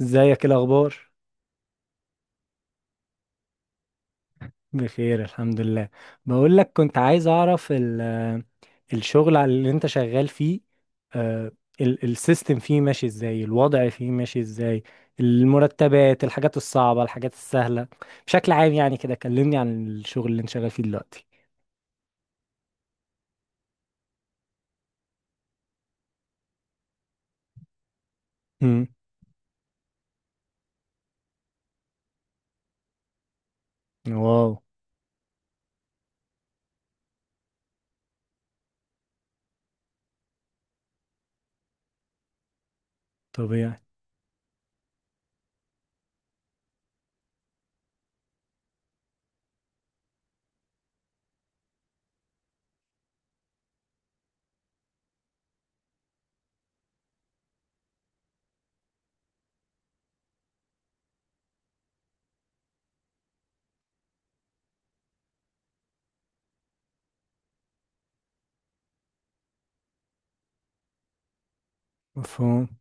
ازيك؟ إيه الاخبار؟ بخير الحمد لله. بقول لك كنت عايز اعرف الشغل على اللي انت شغال فيه. آه، السيستم فيه ماشي ازاي؟ الوضع فيه ماشي ازاي؟ المرتبات، الحاجات الصعبة، الحاجات السهلة. بشكل عام يعني كده كلمني عن الشغل اللي انت شغال فيه دلوقتي. امم. واو. طبيعي. مفهوم.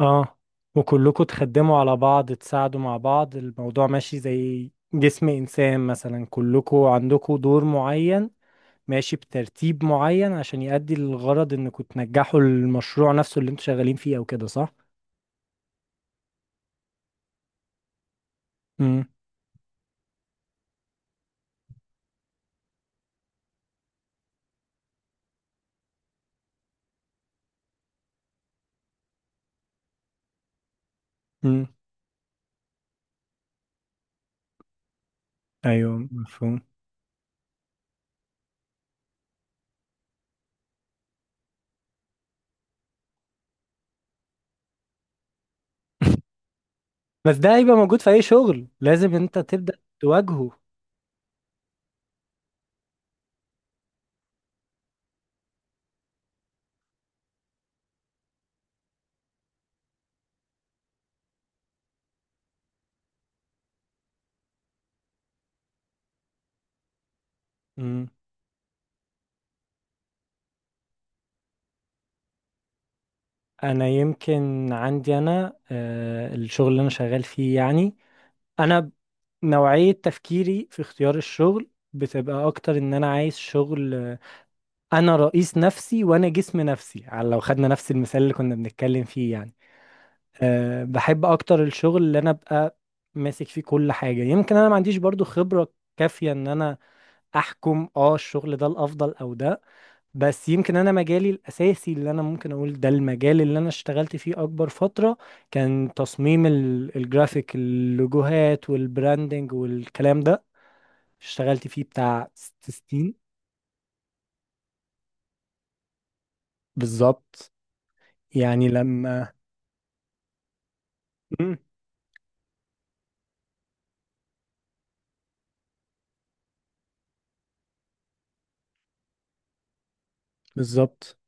اه، وكلكم تخدموا على بعض، تساعدوا مع بعض، الموضوع ماشي زي جسم انسان مثلا، كلكم عندكم دور معين، ماشي بترتيب معين عشان يؤدي للغرض انكم تنجحوا المشروع نفسه اللي انتوا شغالين فيه، او كده صح؟ امم. امم. ايوه، مفهوم. بس ده هيبقى موجود في اي شغل، لازم انت تبدأ تواجهه. امم. انا يمكن عندي، انا الشغل اللي انا شغال فيه يعني، انا نوعية تفكيري في اختيار الشغل بتبقى اكتر ان انا عايز شغل، انا رئيس نفسي وانا جسم نفسي، على لو خدنا نفس المثال اللي كنا بنتكلم فيه يعني. أه، بحب اكتر الشغل اللي انا ابقى ماسك فيه كل حاجة. يمكن انا ما عنديش برضو خبرة كافية ان انا احكم الشغل ده الافضل او ده، بس يمكن انا مجالي الاساسي اللي انا ممكن اقول ده المجال اللي انا اشتغلت فيه اكبر فترة كان تصميم الجرافيك، اللوجوهات والبراندنج والكلام ده. اشتغلت فيه بتاع 6 سنين. بالظبط. يعني لما مم. بالظبط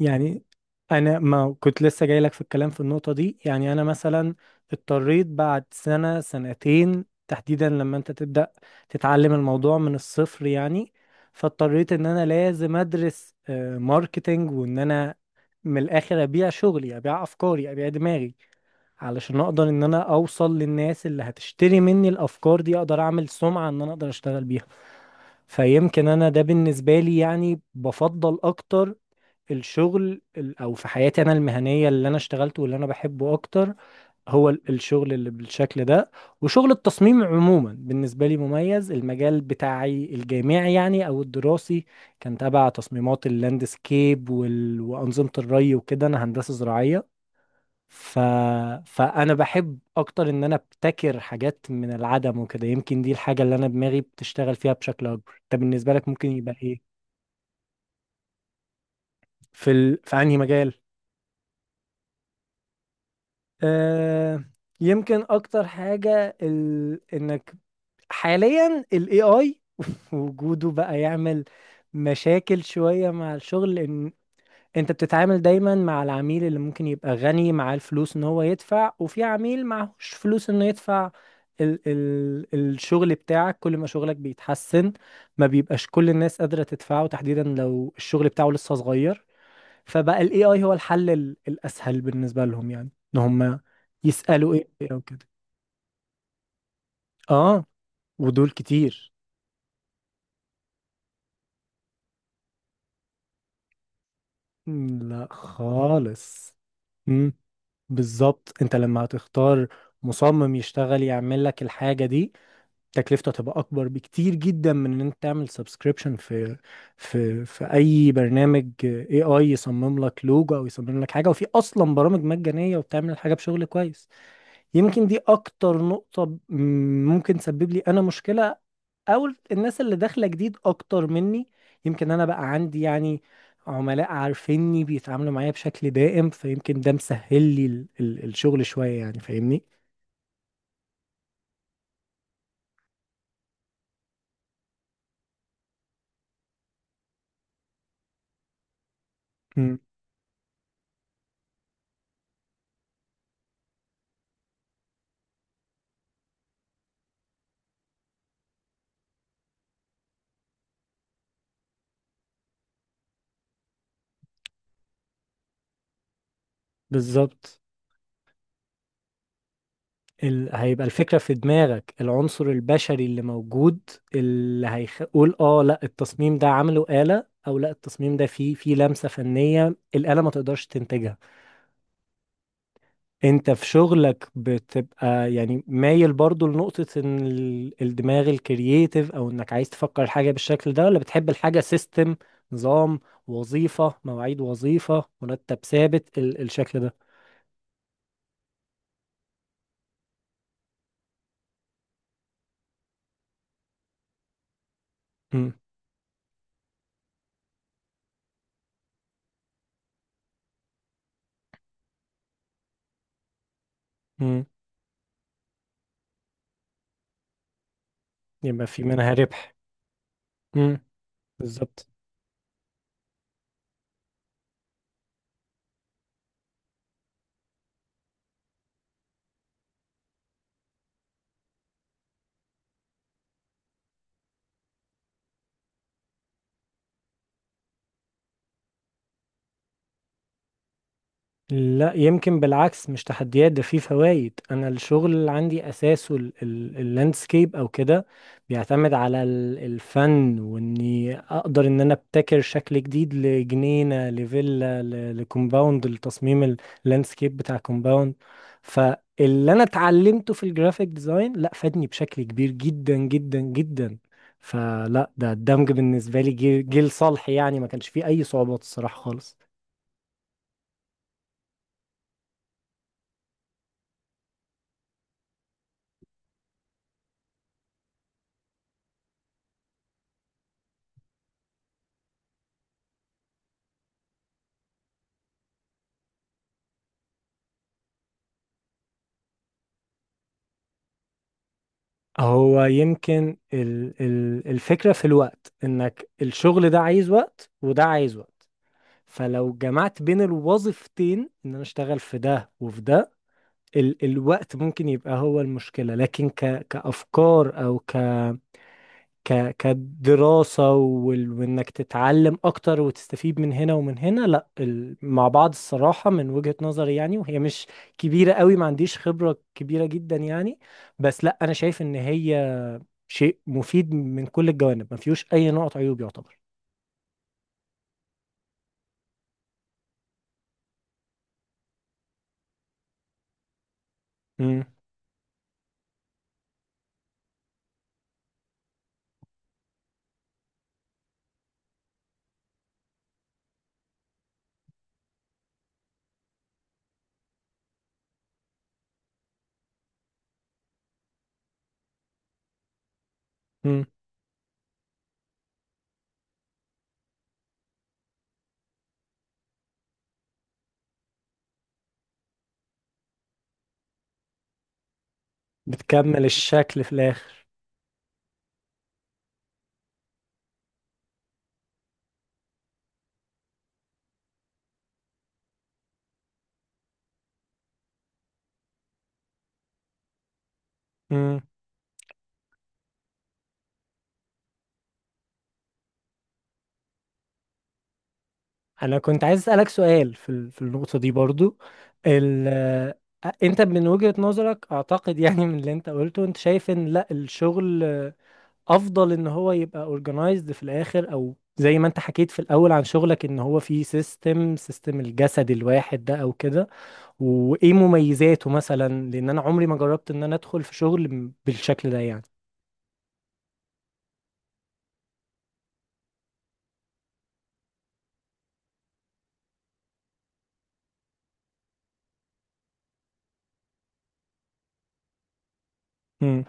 يعني، انا ما كنت لسه جاي لك في الكلام في النقطة دي يعني. انا مثلا اضطريت بعد سنة سنتين تحديدا، لما انت تبدأ تتعلم الموضوع من الصفر يعني، فاضطريت ان انا لازم ادرس ماركتينج، وان انا من الاخر ابيع شغلي، ابيع افكاري، ابيع دماغي، علشان اقدر ان انا اوصل للناس اللي هتشتري مني الافكار دي، اقدر اعمل سمعة ان انا اقدر اشتغل بيها. فيمكن انا ده بالنسبة لي يعني، بفضل اكتر الشغل او في حياتي انا المهنيه اللي انا اشتغلته واللي انا بحبه اكتر هو الشغل اللي بالشكل ده. وشغل التصميم عموما بالنسبه لي مميز. المجال بتاعي الجامعي يعني، او الدراسي، كان تبع تصميمات اللاندسكيب وانظمه الري وكده، انا هندسه زراعيه. ف... فانا بحب اكتر ان انا ابتكر حاجات من العدم وكده. يمكن دي الحاجه اللي انا دماغي بتشتغل فيها بشكل اكبر. انت بالنسبه لك ممكن يبقى ايه؟ في انهي مجال؟ آه. يمكن اكتر حاجة انك حاليا ال AI وجوده بقى يعمل مشاكل شوية مع الشغل، لان انت بتتعامل دايما مع العميل اللي ممكن يبقى غني، معاه الفلوس ان هو يدفع، وفي عميل معهوش فلوس انه يدفع. ال... ال... الشغل بتاعك كل ما شغلك بيتحسن ما بيبقاش كل الناس قادرة تدفعه، تحديدا لو الشغل بتاعه لسه صغير. فبقى الاي اي هو الحل الاسهل بالنسبه لهم يعني، ان هم يسالوا ايه إيه او كده. اه، ودول كتير. مم. لا خالص. مم. بالظبط. انت لما هتختار مصمم يشتغل يعمل لك الحاجه دي، تكلفته هتبقى اكبر بكتير جدا من ان انت تعمل سبسكريبشن في اي برنامج اي اي، يصمم لك لوجو او يصمم لك حاجه. وفي اصلا برامج مجانيه وبتعمل الحاجه بشغل كويس. يمكن دي اكتر نقطة ممكن تسبب لي انا مشكلة، او الناس اللي داخلة جديد اكتر مني. يمكن انا بقى عندي يعني عملاء عارفيني بيتعاملوا معايا بشكل دائم، فيمكن ده مسهل لي ال ال الشغل شوية يعني، فاهمني؟ مم. بالظبط. هيبقى الفكرة في دماغك، العنصر البشري اللي موجود اللي هيقول اه لا التصميم ده عمله آلة، او لا التصميم ده فيه لمسة فنية الآلة ما تقدرش تنتجها. انت في شغلك بتبقى يعني مايل برضو لنقطة ان الدماغ الكرييتيف، او انك عايز تفكر الحاجة بالشكل ده، ولا بتحب الحاجة سيستم، نظام، وظيفة مواعيد، وظيفة مرتب ثابت، الشكل ده. امم. امم. يبقى في منها ربح. امم. بالظبط. لا، يمكن بالعكس، مش تحديات، ده فيه فوائد. انا الشغل اللي عندي اساسه اللاندسكيب او كده، بيعتمد على الفن، واني اقدر ان انا ابتكر شكل جديد لجنينة، لفيلا، لكومباوند، لتصميم اللاندسكيب بتاع كومباوند. فاللي انا اتعلمته في الجرافيك ديزاين لا فادني بشكل كبير جدا جدا جدا. فلا، ده الدمج بالنسبة لي جيل صالح يعني، ما كانش فيه اي صعوبات الصراحة خالص. هو يمكن ال ال الفكرة في الوقت، انك الشغل ده عايز وقت وده عايز وقت، فلو جمعت بين الوظيفتين ان انا اشتغل في ده وفي ده، الوقت ممكن يبقى هو المشكلة. لكن ك كأفكار او ك ك كدراسة وانك تتعلم اكتر وتستفيد من هنا ومن هنا، لا مع بعض الصراحة، من وجهة نظري يعني، وهي مش كبيرة قوي، ما عنديش خبرة كبيرة جدا يعني. بس لا، انا شايف ان هي شيء مفيد من كل الجوانب، ما فيهوش اي نقط عيوب يعتبر. مم. مم. بتكمل الشكل في الاخر. مم. انا كنت عايز اسالك سؤال في في النقطه دي برضو. ال آه، انت من وجهه نظرك، اعتقد يعني من اللي انت قلته، انت شايف ان لا الشغل، افضل ان هو يبقى اورجنايزد في الاخر، او زي ما انت حكيت في الاول عن شغلك ان هو فيه سيستم، سيستم الجسد الواحد ده او كده. وايه مميزاته مثلا؟ لان انا عمري ما جربت ان انا ادخل في شغل بالشكل ده يعني. مم.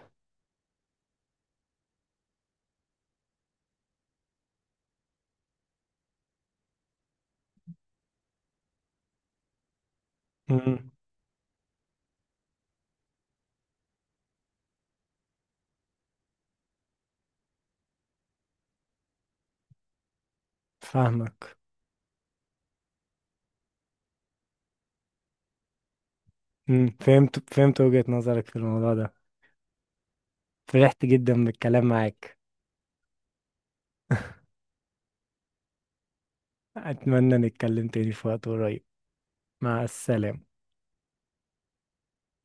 مم. فاهمك. مم. فهمت، فهمت وجهة نظرك في الموضوع ده. فرحت جدا بالكلام معاك. أتمنى نتكلم تاني في وقت قريب. مع السلامة.